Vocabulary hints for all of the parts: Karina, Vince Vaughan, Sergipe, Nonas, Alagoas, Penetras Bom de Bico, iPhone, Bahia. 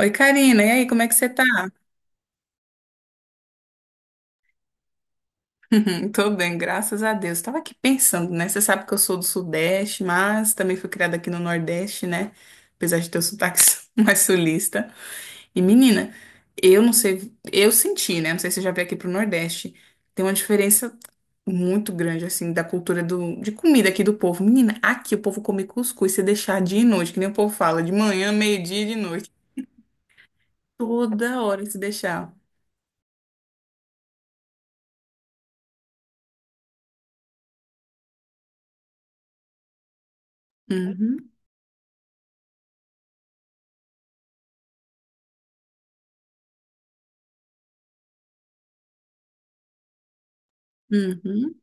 Oi, Karina, e aí, como é que você tá? Tô bem, graças a Deus. Tava aqui pensando, né? Você sabe que eu sou do Sudeste, mas também fui criada aqui no Nordeste, né? Apesar de ter o sotaque mais sulista. E menina, eu senti, né? Não sei se você já veio aqui pro Nordeste. Tem uma diferença muito grande, assim, da de comida aqui do povo. Menina, aqui o povo come cuscuz se deixar dia e noite, que nem o povo fala, de manhã, meio-dia e de noite. Toda hora se deixar. Uhum, uhum,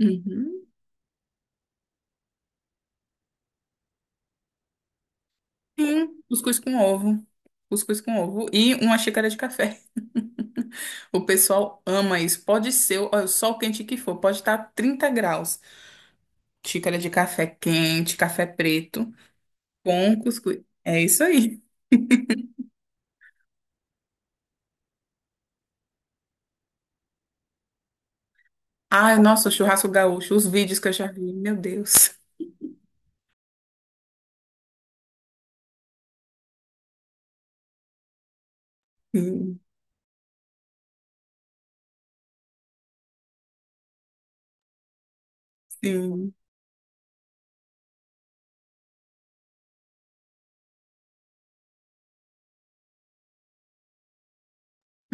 uhum. Sim, cuscuz com ovo. Cuscuz com ovo e uma xícara de café. O pessoal ama isso. Pode ser o sol quente que for, pode estar 30 graus. Xícara de café quente, café preto, com cuscuz. É isso aí. Ai, nossa, o churrasco gaúcho, os vídeos que eu já vi, meu Deus. Sim, sim.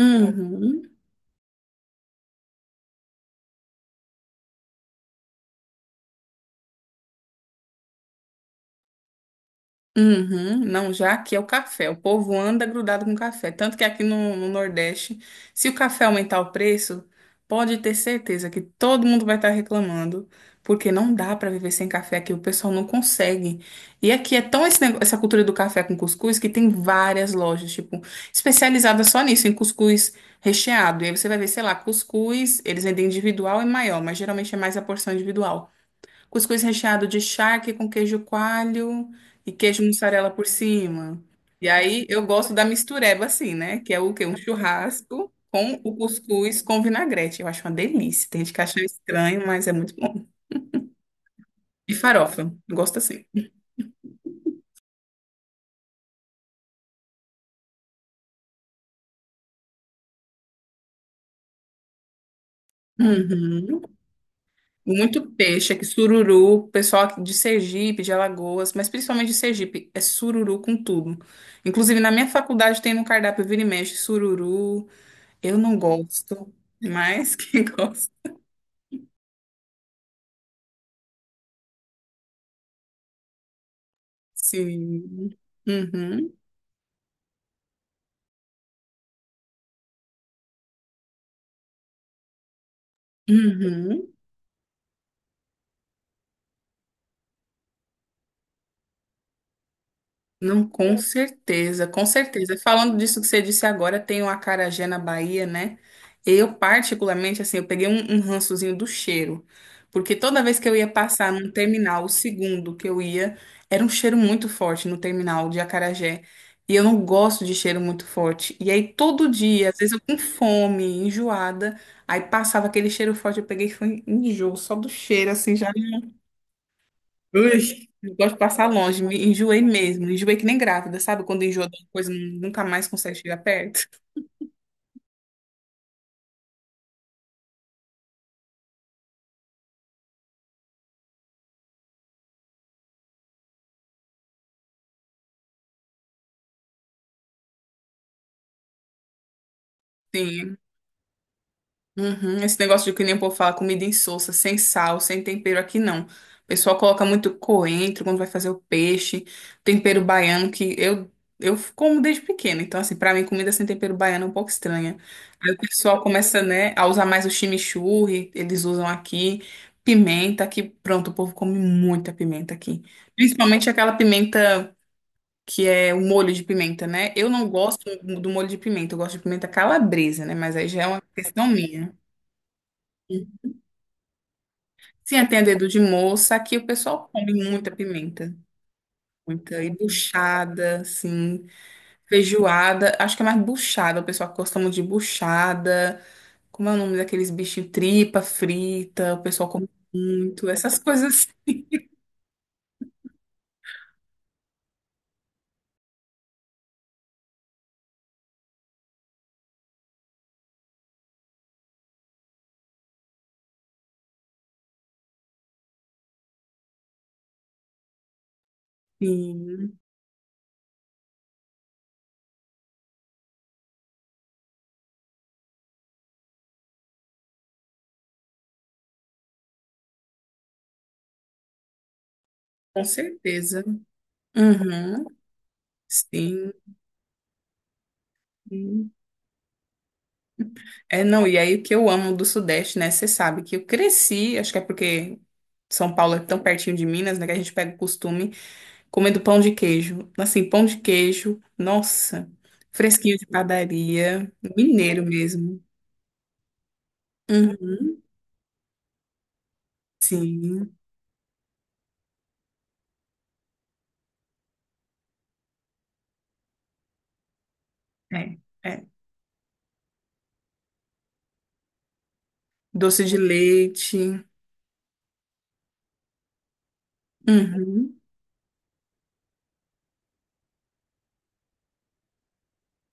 Uhum. Uhum, não, já aqui é o café. O povo anda grudado com café. Tanto que aqui no Nordeste, se o café aumentar o preço, pode ter certeza que todo mundo vai estar reclamando, porque não dá para viver sem café aqui, o pessoal não consegue. E aqui é tão essa cultura do café com cuscuz que tem várias lojas, tipo, especializadas só nisso, em cuscuz recheado. E aí você vai ver, sei lá, cuscuz, eles vendem individual e maior, mas geralmente é mais a porção individual. Cuscuz recheado de charque com queijo coalho e queijo mussarela por cima. E aí eu gosto da mistureba assim, né? Que é o quê? Um churrasco com o cuscuz com vinagrete. Eu acho uma delícia. Tem gente que acha estranho, mas é muito bom. E farofa, eu gosto assim. Uhum. Muito peixe aqui, sururu, pessoal aqui de Sergipe, de Alagoas, mas principalmente de Sergipe, é sururu com tudo. Inclusive, na minha faculdade tem no cardápio vira e mexe sururu. Eu não gosto, mas quem gosta. Sim. Uhum. Uhum. Não, com certeza, com certeza. Falando disso que você disse agora, tem o acarajé na Bahia, né? Eu, particularmente, assim, eu peguei um rançozinho do cheiro. Porque toda vez que eu ia passar num terminal, o segundo que eu ia, era um cheiro muito forte no terminal de acarajé. E eu não gosto de cheiro muito forte. E aí, todo dia, às vezes eu com fome, enjoada, aí passava aquele cheiro forte, eu peguei e foi enjoo, só do cheiro, assim, já. Ui, eu gosto de passar longe, me enjoei mesmo, enjoei que nem grávida, sabe? Quando enjoa de uma coisa, nunca mais consegue chegar perto. Sim. Uhum. Esse negócio de que nem o povo fala, comida insossa, sem sal, sem tempero aqui não. O pessoal coloca muito coentro quando vai fazer o peixe, tempero baiano que eu como desde pequena. Então assim, pra mim comida sem tempero baiano é um pouco estranha. Aí o pessoal começa, né, a usar mais o chimichurri, eles usam aqui pimenta, que pronto, o povo come muita pimenta aqui. Principalmente aquela pimenta que é o molho de pimenta, né? Eu não gosto do molho de pimenta, eu gosto de pimenta calabresa, né? Mas aí já é uma questão minha. Sim, é, tem dedo de moça. Aqui o pessoal come muita pimenta. Muita. E buchada, assim. Feijoada. Acho que é mais buchada. O pessoal gosta muito de buchada. Como é o nome daqueles bichinhos? Tripa frita. O pessoal come muito. Essas coisas, sim. Com certeza. Uhum. Sim, sim. É, não. E aí o que eu amo do Sudeste, né? Você sabe que eu cresci. Acho que é porque. São Paulo é tão pertinho de Minas, né, que a gente pega o costume comendo pão de queijo. Assim, pão de queijo, nossa, fresquinho de padaria, mineiro mesmo. Uhum, sim, é, é. Doce de leite. Uhum,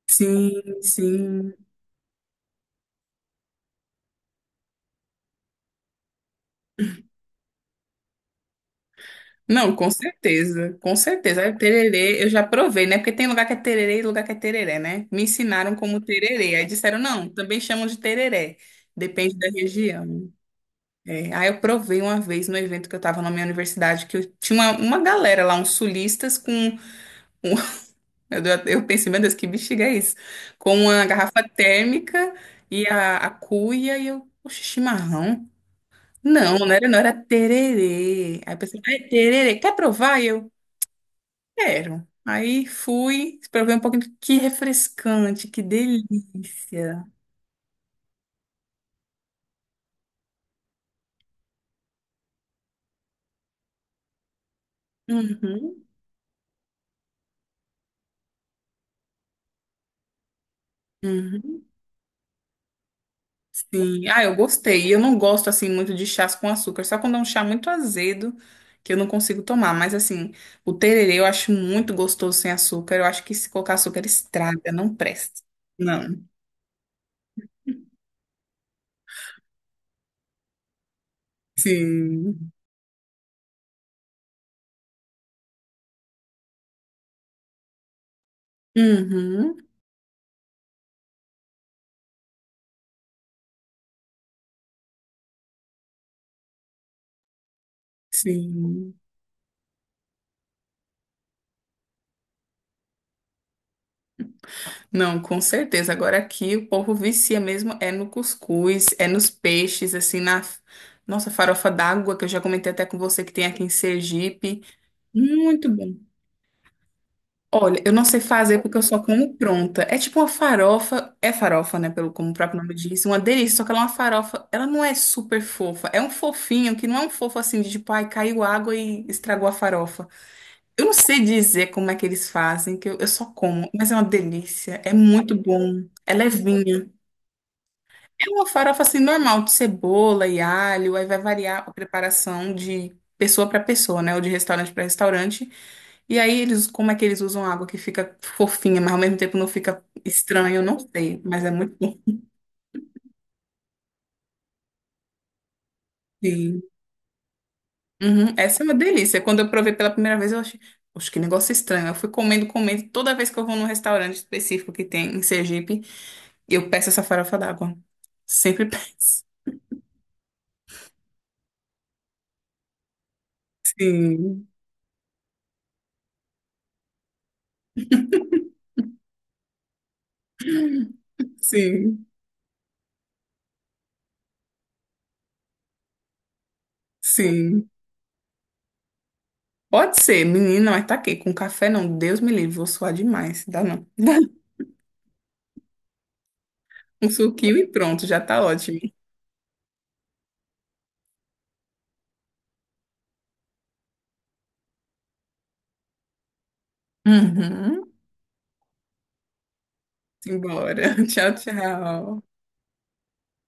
sim, sim. Não, com certeza, com certeza. Aí, Tererê, eu já provei, né? Porque tem lugar que é tererê e lugar que é tereré, né? Me ensinaram como tererê. Aí disseram, não, também chamam de tereré. Depende da região. É, aí eu provei uma vez no evento que eu tava na minha universidade, que eu tinha uma galera lá, uns sulistas com... um- eu pensei, meu Deus, que bexiga é isso? Com uma garrafa térmica e a cuia, e eu, poxa, chimarrão? Não, não era, não, era tererê. Aí eu pensei, ai, tererê, quer provar? E eu, quero. Aí fui, provei um pouquinho, que refrescante, que delícia. Uhum, uhum. Sim, ah, eu gostei. Eu não gosto assim muito de chás com açúcar, só quando é um chá muito azedo que eu não consigo tomar. Mas assim, o tererê eu acho muito gostoso sem açúcar. Eu acho que se colocar açúcar estraga, não presta. Não. Sim. Uhum. Sim. Não, com certeza. Agora aqui o povo vicia mesmo é no cuscuz, é nos peixes, assim, na nossa farofa d'água, que eu já comentei até com você que tem aqui em Sergipe. Muito bom. Olha, eu não sei fazer porque eu só como pronta. É tipo uma farofa, é farofa, né? Pelo como o próprio nome diz, uma delícia. Só que ela é uma farofa, ela não é super fofa. É um fofinho que não é um fofo assim de tipo, ai, caiu água e estragou a farofa. Eu não sei dizer como é que eles fazem, que eu só como, mas é uma delícia. É muito bom. É levinha. É uma farofa assim normal, de cebola e alho, aí vai variar a preparação de pessoa para pessoa, né? Ou de restaurante para restaurante. E aí eles, como é que eles usam água que fica fofinha, mas ao mesmo tempo não fica estranho, eu não sei, mas é muito bom. Sim. Uhum. Essa é uma delícia. Quando eu provei pela primeira vez, eu achei, poxa, que negócio estranho. Eu fui comendo, comendo, toda vez que eu vou num restaurante específico que tem em Sergipe, eu peço essa farofa d'água. Sempre peço. Sim, sim, sim. Pode ser, menina, mas tá aqui. Com café não, Deus me livre, vou suar demais. Dá não. Um suquinho e pronto, já tá ótimo. Uhum. Simbora. Tchau, tchau.